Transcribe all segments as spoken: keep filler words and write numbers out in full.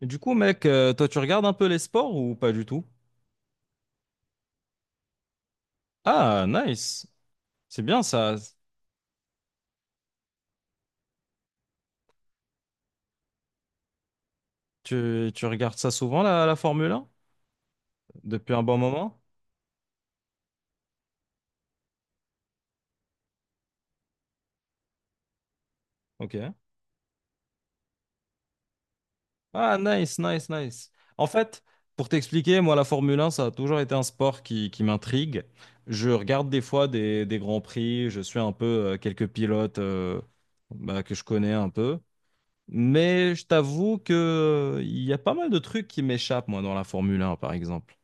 Et du coup, mec, euh, toi, tu regardes un peu les sports ou pas du tout? Ah, nice. C'est bien ça. Tu, tu regardes ça souvent, la, la Formule un? Depuis un bon moment? Ok. Ah, nice, nice, nice. En fait, pour t'expliquer, moi, la Formule un, ça a toujours été un sport qui, qui m'intrigue. Je regarde des fois des, des grands prix, je suis un peu euh, quelques pilotes euh, bah, que je connais un peu. Mais je t'avoue que euh, il y a pas mal de trucs qui m'échappent, moi, dans la Formule un, par exemple.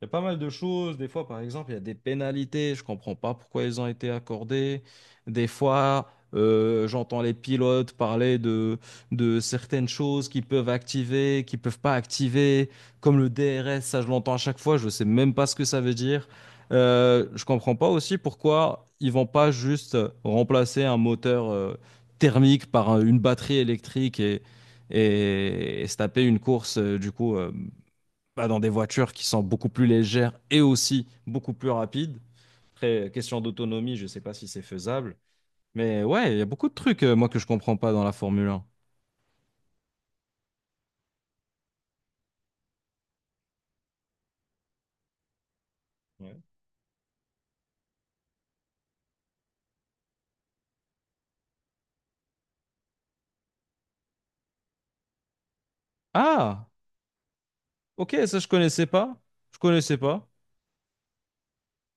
Il y a pas mal de choses. Des fois, par exemple, il y a des pénalités. Je comprends pas pourquoi elles ont été accordées. Des fois, euh, j'entends les pilotes parler de, de certaines choses qu'ils peuvent activer, qu'ils peuvent pas activer, comme le D R S. Ça, je l'entends à chaque fois. Je sais même pas ce que ça veut dire. Euh, je comprends pas aussi pourquoi ils vont pas juste remplacer un moteur, euh, thermique par un- une batterie électrique et, et, et se taper une course, euh, du coup. euh, bah, dans des voitures qui sont beaucoup plus légères et aussi beaucoup plus rapides. Après, question d'autonomie, je ne sais pas si c'est faisable. Mais ouais, il y a beaucoup de trucs, euh, moi, que je comprends pas dans la Formule un. Ouais. Ah, ok, ça, je connaissais pas. Je connaissais pas.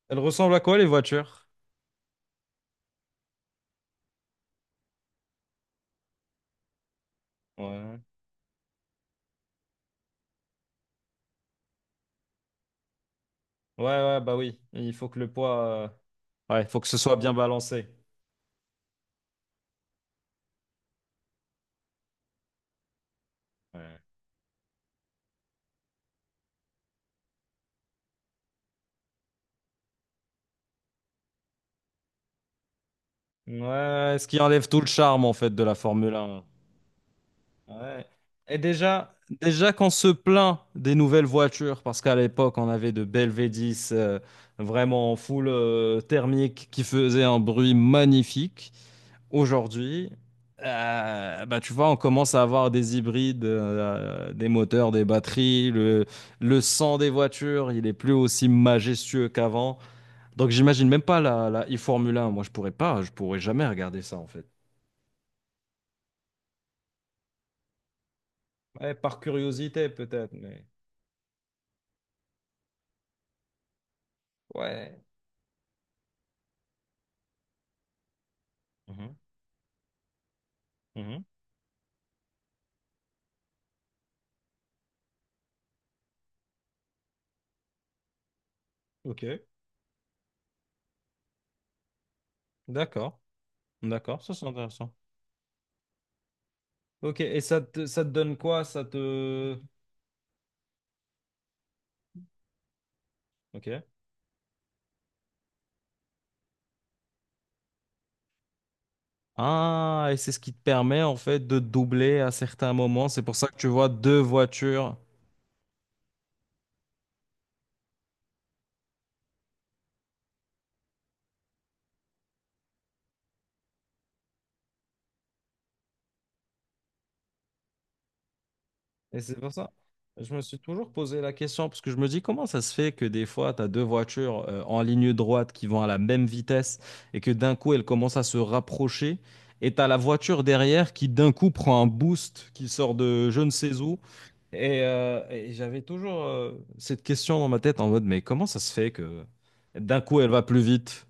Elles ressemblent à quoi, les voitures? Ouais, ouais, ouais, bah oui. Il faut que le poids... euh, Ouais, il faut que ce soit bien balancé. Ouais. Ouais, ce qui enlève tout le charme, en fait, de la Formule un. Ouais. Et déjà, déjà qu'on se plaint des nouvelles voitures, parce qu'à l'époque, on avait de belles V dix euh, vraiment en full euh, thermique qui faisaient un bruit magnifique. Aujourd'hui, euh, bah, tu vois, on commence à avoir des hybrides, euh, des moteurs, des batteries. Le, le sang des voitures, il est plus aussi majestueux qu'avant. Donc, j'imagine même pas la, la e-Formule un. Moi, je pourrais pas, je pourrais jamais regarder ça, en fait. Ouais, par curiosité, peut-être, mais ouais. Mhm. Ok, d'accord, d'accord, ça c'est intéressant. Ok, et ça te, ça te donne quoi? Ça te... Ok. Ah, et c'est ce qui te permet en fait de doubler à certains moments. C'est pour ça que tu vois deux voitures. Et c'est pour ça. Je me suis toujours posé la question parce que je me dis comment ça se fait que des fois tu as deux voitures euh, en ligne droite qui vont à la même vitesse et que d'un coup elles commencent à se rapprocher et tu as la voiture derrière qui d'un coup prend un boost qui sort de je ne sais où. Et, euh, et j'avais toujours euh, cette question dans ma tête en mode, mais comment ça se fait que d'un coup elle va plus vite?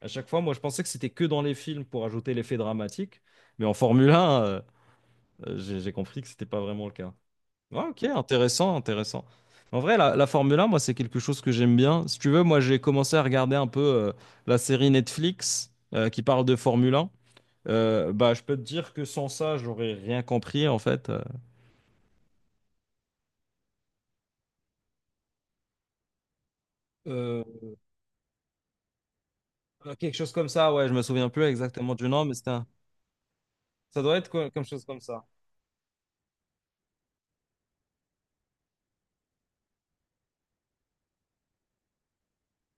À chaque fois, moi je pensais que c'était que dans les films pour ajouter l'effet dramatique, mais en Formule un, euh, euh, j'ai j'ai compris que c'était pas vraiment le cas. Ouais, ok, intéressant, intéressant. En vrai, la, la Formule un, moi c'est quelque chose que j'aime bien. Si tu veux, moi j'ai commencé à regarder un peu euh, la série Netflix euh, qui parle de Formule un. Euh, bah, je peux te dire que sans ça, j'aurais rien compris en fait. Euh, Euh, Quelque chose comme ça, ouais, je me souviens plus exactement du nom, mais c'était un- ça doit être co- comme chose comme ça.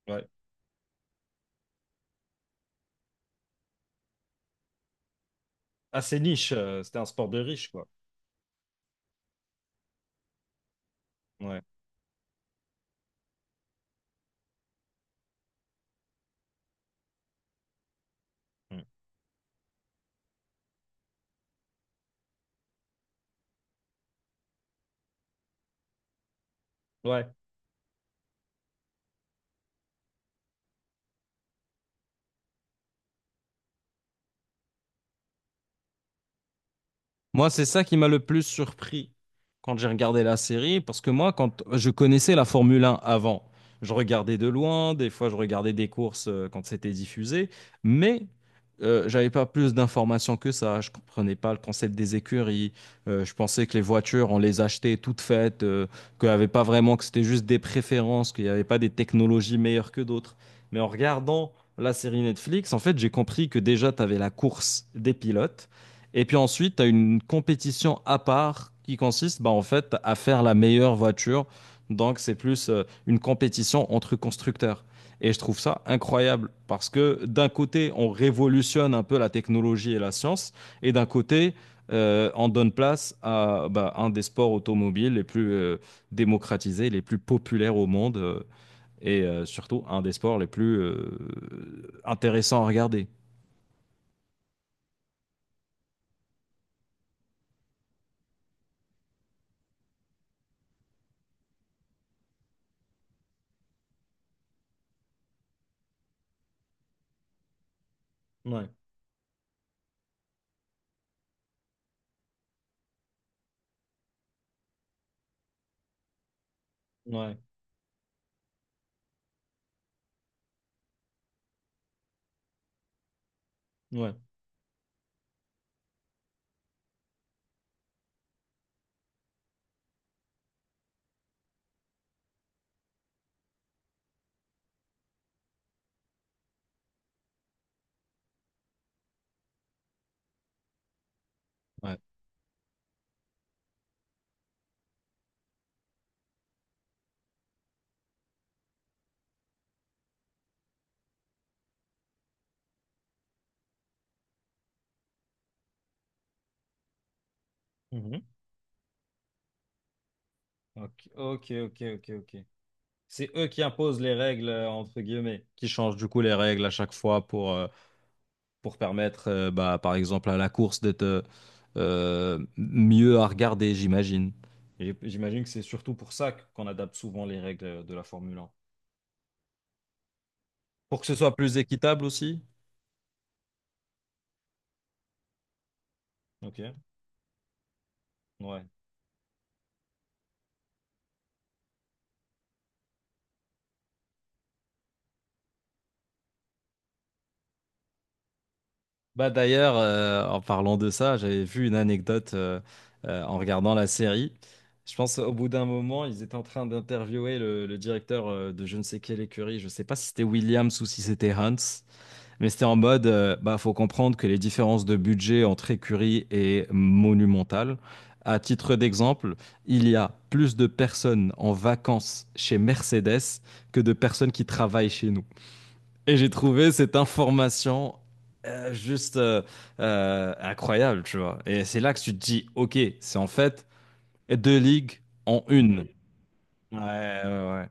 Ouais. Assez niche, euh, c'était un sport de riche, quoi. Ouais. Mm. Ouais. Moi, c'est ça qui m'a le plus surpris quand j'ai regardé la série, parce que moi, quand je connaissais la Formule un avant, je regardais de loin, des fois je regardais des courses euh, quand c'était diffusé, mais euh, j'avais pas plus d'informations que ça. Je comprenais pas le concept des écuries. Euh, je pensais que les voitures, on les achetait toutes faites, euh, qu'il y avait pas vraiment, que c'était juste des préférences, qu'il n'y avait pas des technologies meilleures que d'autres. Mais en regardant la série Netflix, en fait, j'ai compris que déjà, tu avais la course des pilotes. Et puis ensuite, tu as une compétition à part qui consiste bah, en fait à faire la meilleure voiture. Donc c'est plus euh, une compétition entre constructeurs. Et je trouve ça incroyable parce que d'un côté, on révolutionne un peu la technologie et la science, et d'un côté, euh, on donne place à bah, un des sports automobiles les plus euh, démocratisés, les plus populaires au monde, euh, et euh, surtout un des sports les plus euh, intéressants à regarder. Ouais, ouais, ouais. Ouais. Mhm. Ok, ok, ok, ok, ok. C'est eux qui imposent les règles, euh, entre guillemets, qui changent du coup les règles à chaque fois pour, euh, pour permettre, euh, bah, par exemple, à la course d'être euh, euh, mieux à regarder, j'imagine. Et j'imagine que c'est surtout pour ça qu'on adapte souvent les règles euh, de la Formule un. Pour que ce soit plus équitable aussi. Ok, ouais. Bah d'ailleurs, euh, en parlant de ça, j'avais vu une anecdote euh, euh, en regardant la série. Je pense au bout d'un moment, ils étaient en train d'interviewer le, le directeur euh, de je ne sais quelle écurie. Je ne sais pas si c'était Williams ou si c'était Hans, mais c'était en mode, euh, bah faut comprendre que les différences de budget entre écuries est monumentale. À titre d'exemple, il y a plus de personnes en vacances chez Mercedes que de personnes qui travaillent chez nous. Et j'ai trouvé cette information euh, juste euh, euh, incroyable, tu vois. Et c'est là que tu te dis, ok, c'est en fait deux ligues en une. Ouais, ouais,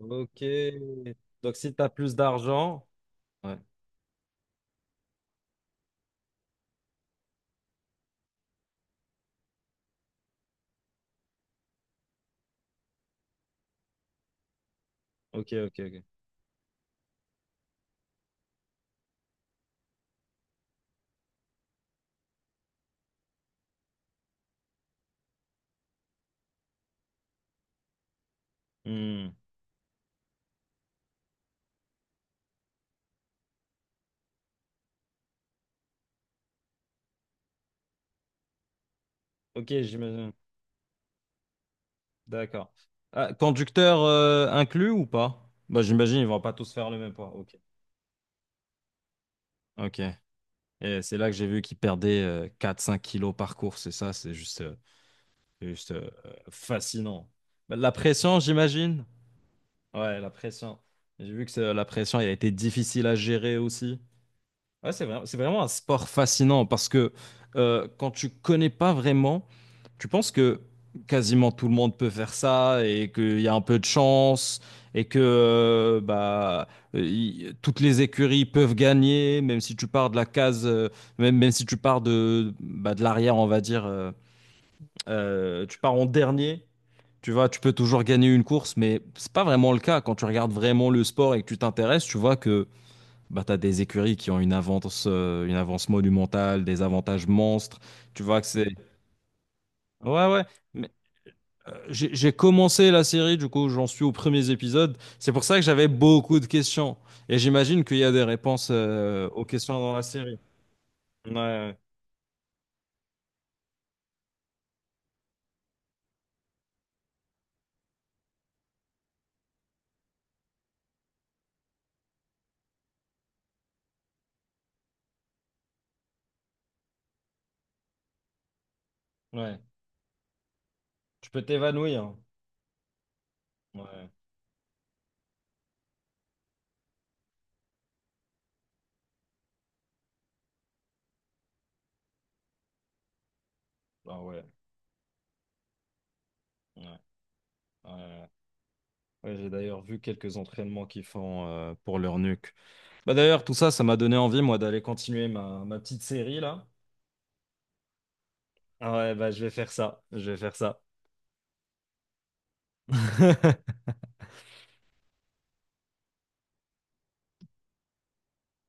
ouais. Ok. Donc si t'as plus d'argent. Ouais. Ok, ok, ok. Hmm. Ok, j'imagine. D'accord. Ah, conducteur euh, inclus ou pas? Bah, j'imagine ils vont pas tous faire le même poids. Ok. Ok. Et c'est là que j'ai vu qu'ils perdaient euh, quatre cinq kilos par course. Et ça, c'est juste. euh, C'est juste euh, fascinant. La pression, j'imagine. Ouais, la pression. J'ai vu que c'est- la pression, elle a été difficile à gérer aussi. Ouais, c'est vraiment, c'est vraiment un sport fascinant parce que euh, quand tu connais pas vraiment, tu penses que quasiment tout le monde peut faire ça et qu'il y a un peu de chance et que euh, bah, euh, y- toutes les écuries peuvent gagner, même si tu pars de la case, euh, même, même si tu pars de, bah, de l'arrière, on va dire. euh, euh, tu pars en dernier, tu vois, tu peux toujours gagner une course, mais c'est pas vraiment le cas. Quand tu regardes vraiment le sport et que tu t'intéresses, tu vois que bah, tu as des écuries qui ont une avance, euh, une avance monumentale, des avantages monstres. Tu vois que c'est. Ouais, ouais. Mais, euh, j'ai j'ai commencé la série, du coup, j'en suis aux premiers épisodes. C'est pour ça que j'avais beaucoup de questions. Et j'imagine qu'il y a des réponses, euh, aux questions dans la série. Ouais, ouais. Ouais. Tu peux t'évanouir. Ouais. Ah ouais. Ouais. Ouais. Ouais, j'ai d'ailleurs vu quelques entraînements qu'ils font euh, pour leur nuque. Bah d'ailleurs, tout ça, ça m'a donné envie, moi, d'aller continuer ma, ma petite série là. Ah ouais, bah je vais faire ça. Je vais faire ça.